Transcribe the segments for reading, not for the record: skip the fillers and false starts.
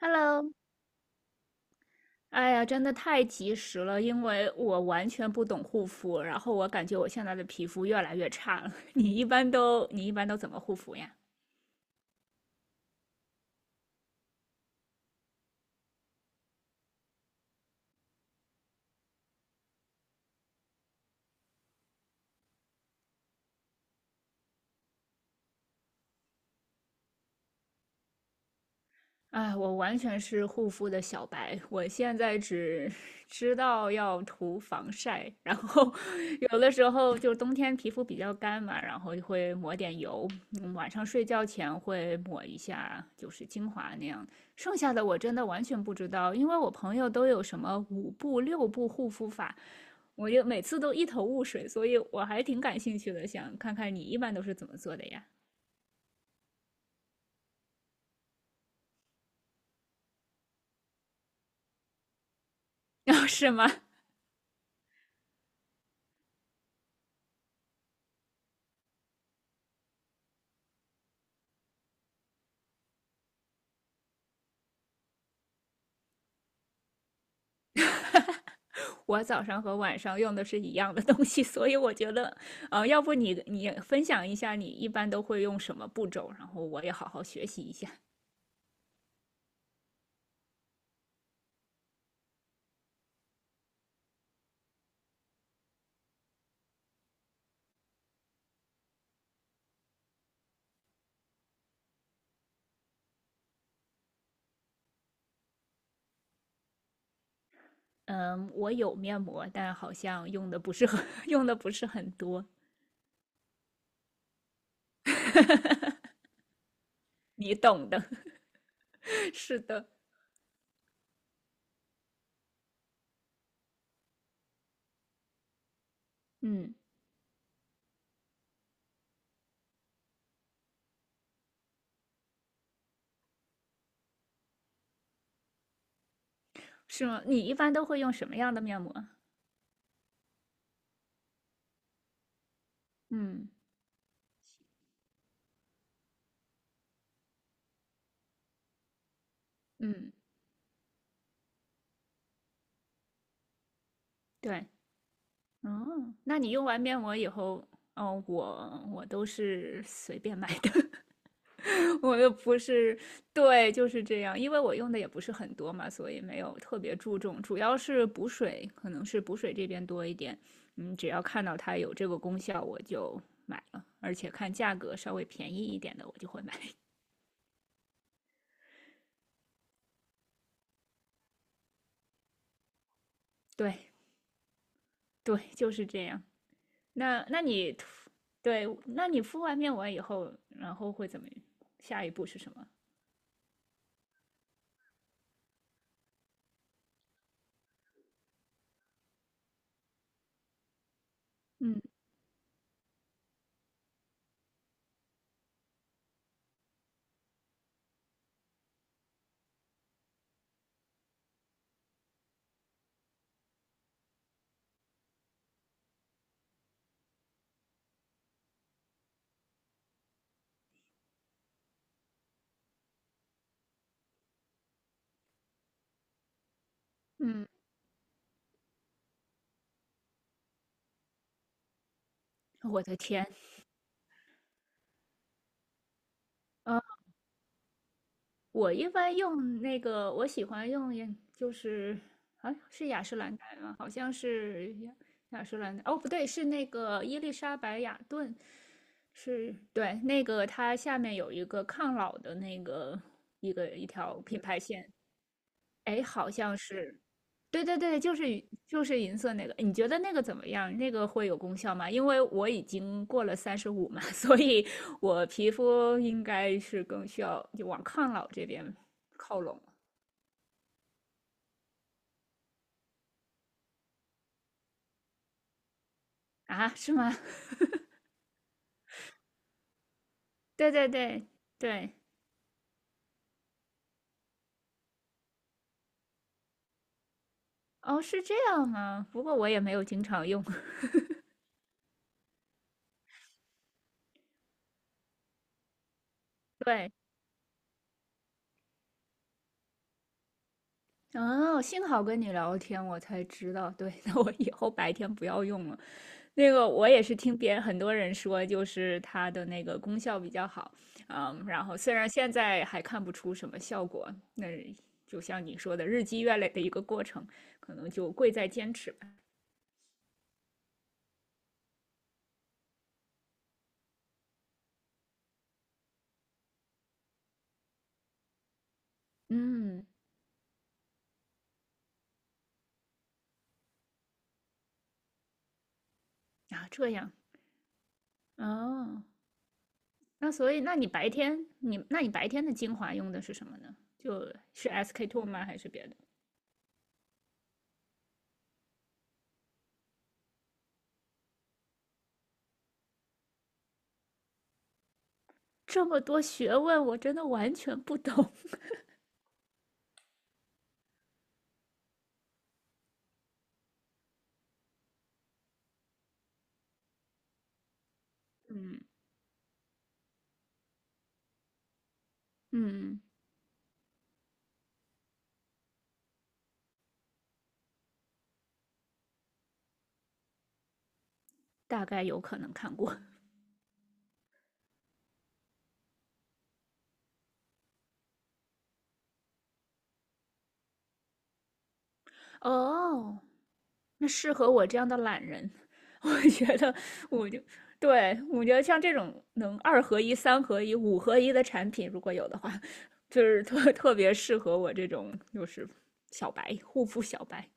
Hello，哎呀，真的太及时了，因为我完全不懂护肤，然后我感觉我现在的皮肤越来越差了。你一般都怎么护肤呀？哎，我完全是护肤的小白，我现在只 知道要涂防晒，然后 有的时候就冬天皮肤比较干嘛，然后就会抹点油，晚上睡觉前会抹一下，就是精华那样。剩下的我真的完全不知道，因为我朋友都有什么五步六步护肤法，我就每次都一头雾水，所以我还挺感兴趣的，想看看你一般都是怎么做的呀？哦，是吗？哈哈，我早上和晚上用的是一样的东西，所以我觉得，要不你分享一下你一般都会用什么步骤，然后我也好好学习一下。嗯，我有面膜，但好像用的不是很 用的不是很多，哈哈，你懂的。是的，嗯，是吗？你一般都会用什么样的面膜？嗯嗯，对，哦，那你用完面膜以后，哦，我都是随便买的。我又不是，对，就是这样，因为我用的也不是很多嘛，所以没有特别注重，主要是补水，可能是补水这边多一点。嗯，只要看到它有这个功效，我就买了，而且看价格稍微便宜一点的，我就会买。对对，就是这样。那那你涂，对，那你敷完面膜以后，然后会怎么？下一步是什么？嗯嗯，我的天，我一般用那个，我喜欢用眼就是啊，是雅诗兰黛吗？好像是雅诗兰黛。哦，不对，是那个伊丽莎白雅顿，是对那个它下面有一个抗老的那个一个一条品牌线。哎，好像是，对对对，就是银就是银色那个，你觉得那个怎么样？那个会有功效吗？因为我已经过了35嘛，所以我皮肤应该是更需要就往抗老这边靠拢了啊？是吗？对对对对，哦，是这样吗？不过我也没有经常用。对，哦，幸好跟你聊天，我才知道。对，那我以后白天不要用了。那个我也是听别人很多人说，就是它的那个功效比较好，嗯，然后虽然现在还看不出什么效果，那就像你说的，日积月累的一个过程，可能就贵在坚持吧。嗯，啊，这样，哦，那所以，那你白天你那你白天的精华用的是什么呢？就是 SK-II two 吗？还是别的？这么多学问，我真的完全不懂。嗯嗯，大概有可能看过。哦，那适合我这样的懒人。我觉得我就对我觉得像这种能二合一、三合一、五合一的产品，如果有的话，就是特 特别适合我这种就是小白护肤小白。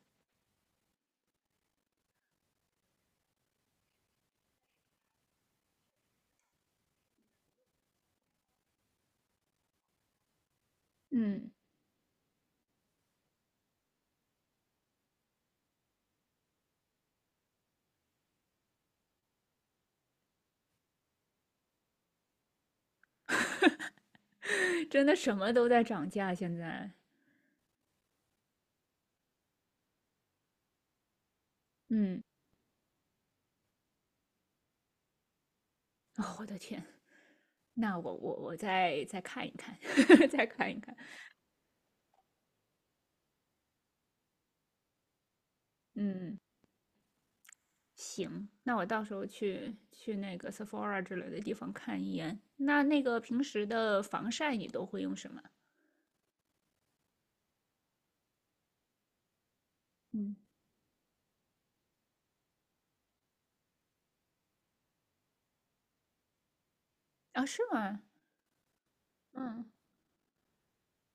嗯，真的什么都在涨价，现在。嗯，哦，我的天，那我再看一看，再看一看。嗯，行，那我到时候去那个 Sephora 之类的地方看一眼。那那个平时的防晒你都会用什么？嗯，啊，是吗？嗯。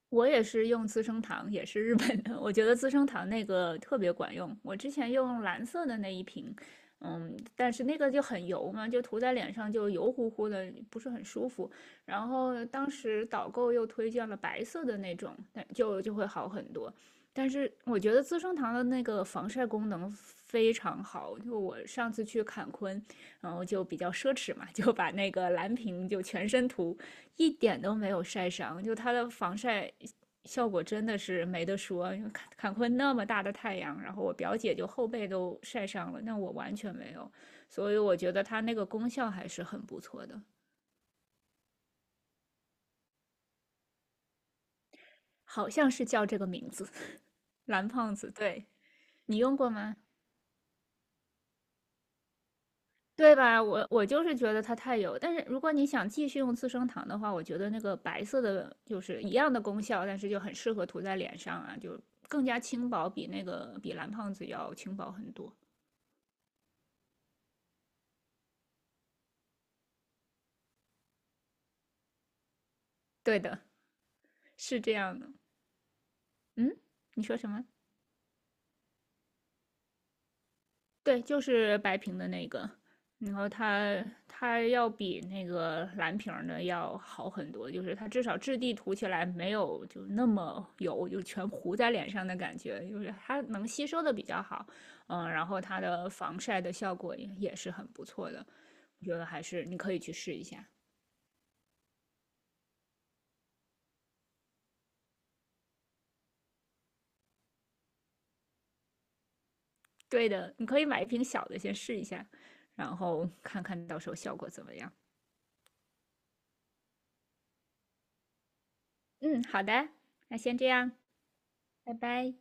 我也是用资生堂，也是日本的。我觉得资生堂那个特别管用。我之前用蓝色的那一瓶，嗯，但是那个就很油嘛，就涂在脸上就油乎乎的，不是很舒服。然后当时导购又推荐了白色的那种，那就会好很多。但是我觉得资生堂的那个防晒功能非常好，就我上次去坎昆，然后就比较奢侈嘛，就把那个蓝瓶就全身涂，一点都没有晒伤，就它的防晒效果真的是没得说，因为坎昆那么大的太阳，然后我表姐就后背都晒伤了，那我完全没有，所以我觉得它那个功效还是很不错的，好像是叫这个名字，蓝胖子，对你用过吗？对吧？我就是觉得它太油，但是如果你想继续用资生堂的话，我觉得那个白色的就是一样的功效，但是就很适合涂在脸上啊，就更加轻薄，比那个比蓝胖子要轻薄很多。对的，是这样的。嗯，你说什么？对，就是白瓶的那个，然后它要比那个蓝瓶儿的要好很多，就是它至少质地涂起来没有就那么油，就全糊在脸上的感觉，就是它能吸收的比较好，嗯，然后它的防晒的效果也是很不错的，我觉得还是你可以去试一下。对的，你可以买一瓶小的先试一下，然后看看到时候效果怎么样。嗯，好的，那先这样，拜拜。